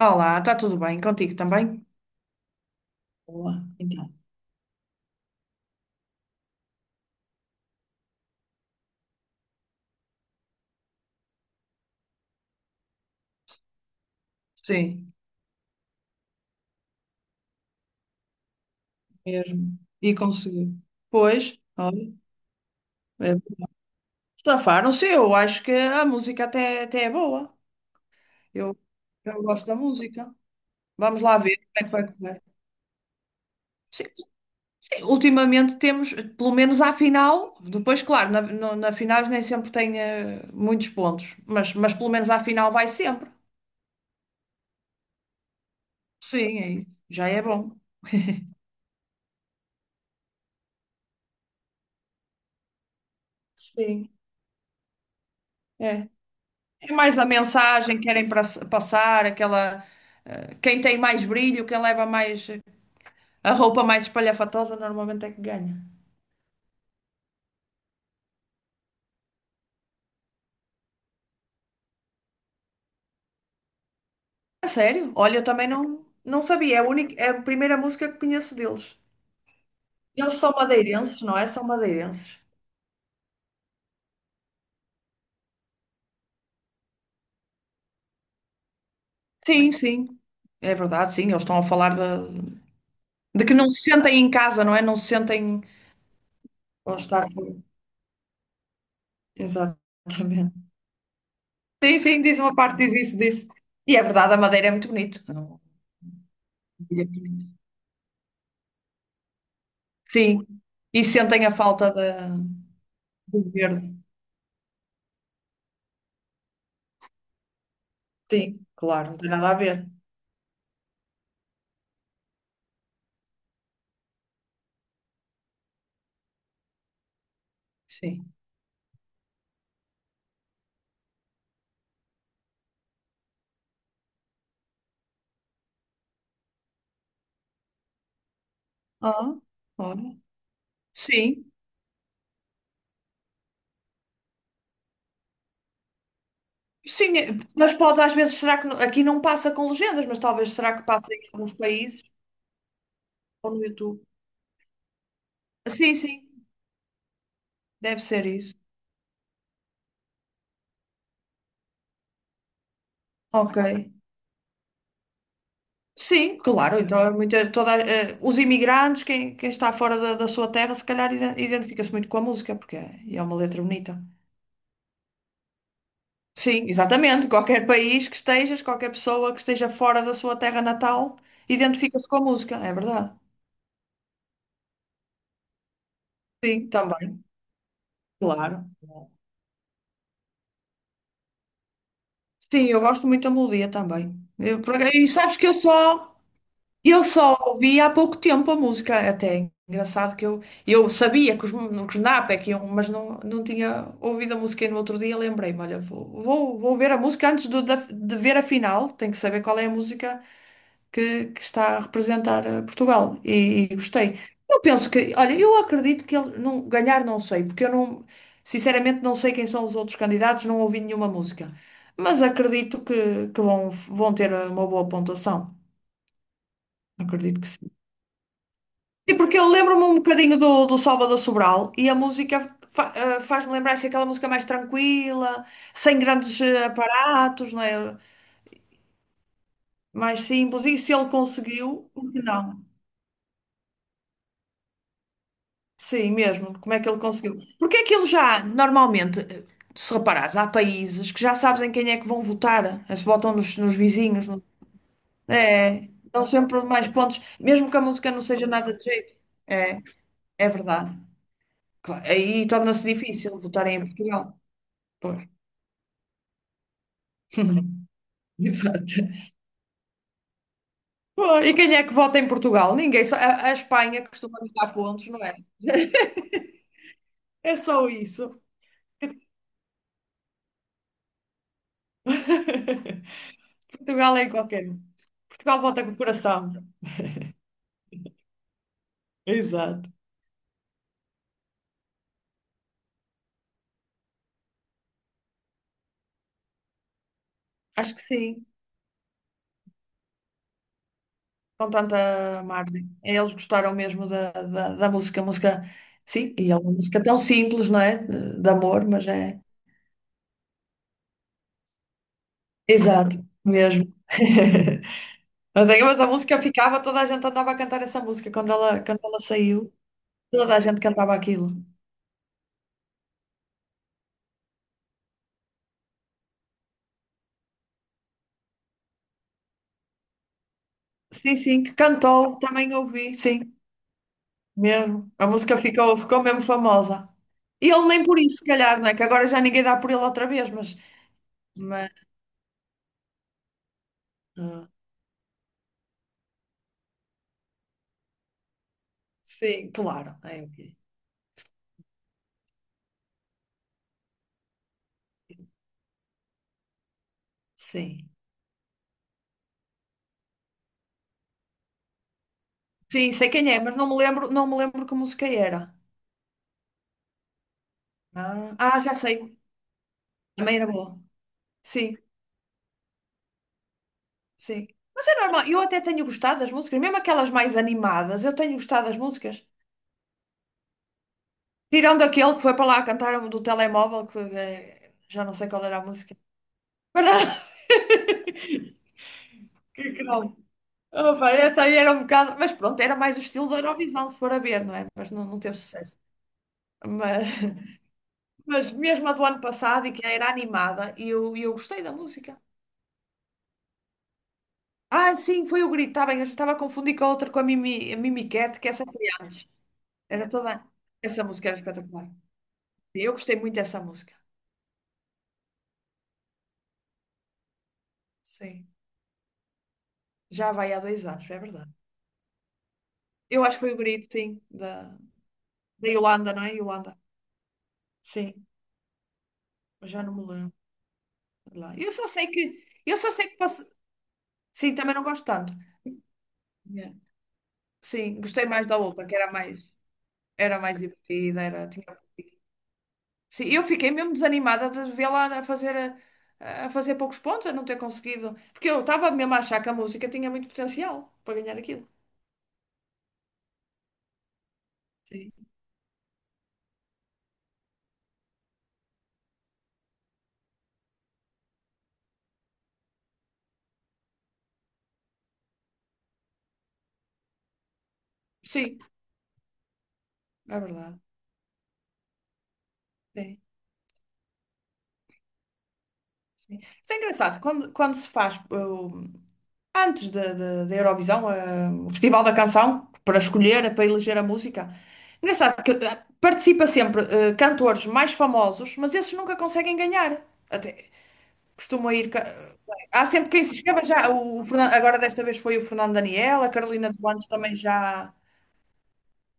Olá, está tudo bem? Contigo também? Boa, então. Sim, mesmo. E conseguiu. Pois. Olha, é, estafaram-se. Eu acho que a música até é boa. Eu, eu gosto da música. Vamos lá ver como é que vai correr. Sim, sim, ultimamente temos, pelo menos à final, depois, claro, na final nem sempre tem muitos pontos, mas pelo menos à final vai sempre. Sim, é isso. Já é bom. Sim, é. É mais a mensagem que querem passar, aquela. Quem tem mais brilho, quem leva mais. A roupa mais espalhafatosa normalmente é que ganha. A sério? Olha, eu também não sabia. É a única, é a primeira música que conheço deles. Eles são madeirenses, não é? São madeirenses. Sim, sim. É verdade, sim. Eles estão a falar de que não se sentem em casa, não é? Não se sentem. Vão estar. Exatamente. Sim, sim, diz uma parte, diz isso, diz. E é verdade, a Madeira é muito bonito. Sim. E sentem a falta do verde. Sim, claro, não tem nada a ver. Sim. Ah, olha. Sim. Sim, mas pode às vezes, será que aqui não passa com legendas, mas talvez será que passa em alguns países ou no YouTube? Sim, sim, deve ser isso. Ok. Sim, claro, então é os imigrantes, quem está fora da sua terra, se calhar identifica-se muito com a música, porque é uma letra bonita. Sim, exatamente. Qualquer país que estejas, qualquer pessoa que esteja fora da sua terra natal, identifica-se com a música, é verdade. Sim, também, claro. Sim, eu gosto muito da melodia também. E sabes que eu só ouvi há pouco tempo a música, até é engraçado que eu sabia que que os Napa que iam, mas não tinha ouvido a música e no outro dia lembrei-me, olha, vou ver a música antes ver a final, tenho que saber qual é a música que está a representar Portugal e gostei. Eu penso que, olha, eu acredito que ele não, ganhar não sei, porque eu não, sinceramente não sei quem são os outros candidatos, não ouvi nenhuma música, mas acredito que vão ter uma boa pontuação. Acredito que sim. E porque eu lembro-me um bocadinho do Salvador Sobral e a música faz-me lembrar assim, aquela música mais tranquila, sem grandes aparatos, não é? Mais simples. E se ele conseguiu, por que não? Sim, mesmo. Como é que ele conseguiu? Porque aquilo já, normalmente, se reparares, há países que já sabes em quem é que vão votar. Se votam nos vizinhos. É, dão sempre mais pontos, mesmo que a música não seja nada de jeito. É, é verdade. Claro, aí torna-se difícil votarem em Portugal. Pois. Exato. Bom, e quem é que vota em Portugal? Ninguém. A Espanha costuma nos dar pontos, não é? É só isso. Portugal é em qualquer um. Portugal vota com o coração. Exato. Acho que sim, com tanta margem. Eles gostaram mesmo da música, sim, e é uma música tão simples, não é? De amor, mas é. Exato, mesmo. Mas a música ficava, toda a gente andava a cantar essa música quando quando ela saiu, toda a gente cantava aquilo. Sim, sim, que cantou, também ouvi, sim, mesmo. A música ficou mesmo famosa. E ele nem por isso, se calhar, não é? Que agora já ninguém dá por ele outra vez, mas. mas ah, sim, claro. É. Sim. Sim, sei quem é, mas não me lembro que música era. Ah, ah, já sei. Também era boa. Sim, sim. Mas é normal. Eu até tenho gostado das músicas, mesmo aquelas mais animadas, eu tenho gostado das músicas. Tirando aquele que foi para lá cantar do telemóvel, que já não sei qual era a música. Mas não- que não. Opa, essa aí era um bocado. Mas pronto, era mais o estilo da Eurovisão, se for a ver, não é? Mas não teve sucesso. Mas, mesmo a do ano passado, e que era animada, e eu gostei da música. Ah, sim, foi o grito, está bem, eu já estava a confundir com a outra, com a Mimi Cat, que essa foi antes. Era toda. Essa música era espetacular. Sim, eu gostei muito dessa música. Sim, já vai há 2 anos, é verdade. Eu acho que foi o grito, sim, da Yolanda, não é? Yolanda. Sim, eu já não me lembro. Sei lá. Eu só sei que. Eu só sei que posso. Sim, também não gosto tanto. É. Sim, gostei mais da outra, que era mais divertida, era, tinha. Sim, eu fiquei mesmo desanimada de vê-la a fazer poucos pontos, a não ter conseguido. Porque eu estava mesmo a achar que a música tinha muito potencial para ganhar aquilo. Sim. Sim, é verdade. Sim, sim. Isso é engraçado. Quando se faz antes da Eurovisão, o Festival da Canção, para escolher, para eleger a música, engraçado que participa sempre cantores mais famosos, mas esses nunca conseguem ganhar. Até, Costuma ir. Há sempre quem se escreva já. Agora desta vez foi o Fernando Daniel, a Carolina de também já.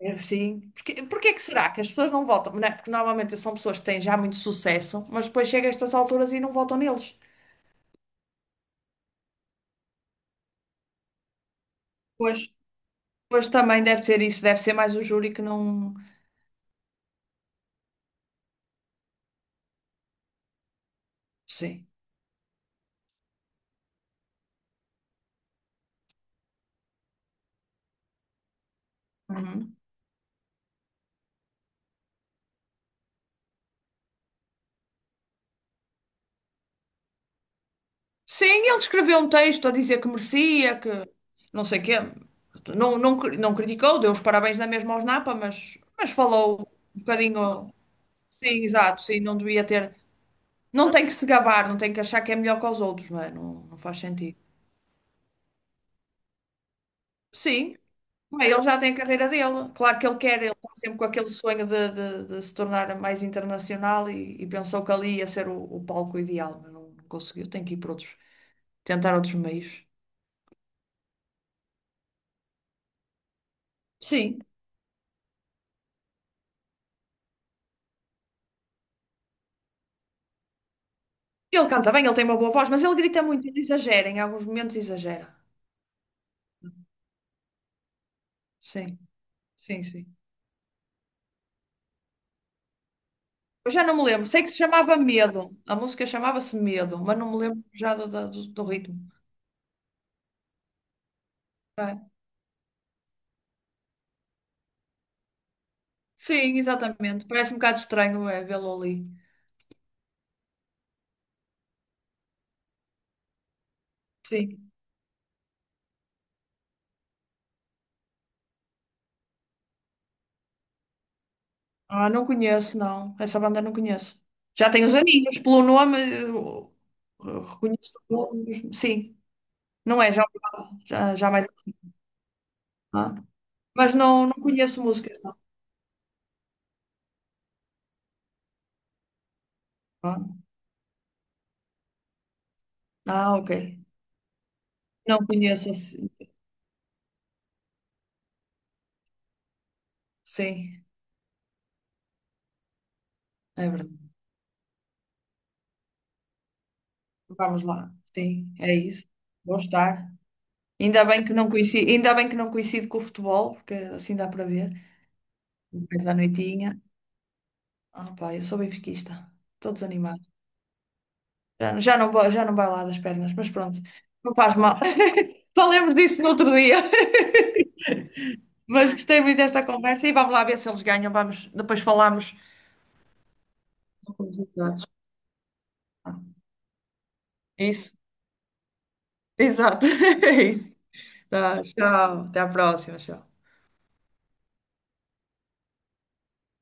É, sim. Porque é que será que as pessoas não votam? Não é? Porque normalmente são pessoas que têm já muito sucesso, mas depois chega a estas alturas e não votam neles. Pois. Pois também deve ser isso, deve ser mais o júri que não. Sim. Uhum. Sim, ele escreveu um texto a dizer que merecia, que não sei o quê. Não, não, não criticou, deu os parabéns na mesma aos Napa, mas falou um bocadinho. Sim, exato, sim, não devia ter. Não tem que se gabar, não tem que achar que é melhor que os outros, não é? Não, não faz sentido. Sim, bem, ele já tem a carreira dele. Claro que ele quer, ele está sempre com aquele sonho de se tornar mais internacional e pensou que ali ia ser o palco ideal, mas não conseguiu. Tem que ir para outros, tentar outros meios. Sim, ele canta bem, ele tem uma boa voz, mas ele grita muito, ele exagera, em alguns momentos exagera. Sim, sim, sim. Eu já não me lembro, sei que se chamava Medo, a música chamava-se Medo, mas não me lembro já do ritmo. Tá. Sim, exatamente. Parece um bocado estranho, é, vê-lo ali. Sim. Ah, não conheço, não. Essa banda não conheço. Já tenho os aninhos, pelo nome, eu reconheço o nome. Sim, não é, já mais. Assim. Ah, mas não conheço músicas, não. Ah, ah, ok. Não conheço, assim. Sim, é verdade. Vamos lá, sim, é isso. Vou estar. Ainda bem que não coincide, ainda bem que não coincide com o futebol, porque assim dá para ver. Depois da noitinha. Ah, pá, eu sou benfiquista. Estou desanimada. Já não vai lá das pernas, mas pronto, não faz mal. Falemos disso no outro dia. Mas gostei muito desta conversa e vamos lá ver se eles ganham. Vamos, depois falamos. Dos resultados. Isso, exato. É isso. Tá, tchau, até à próxima. Tchau.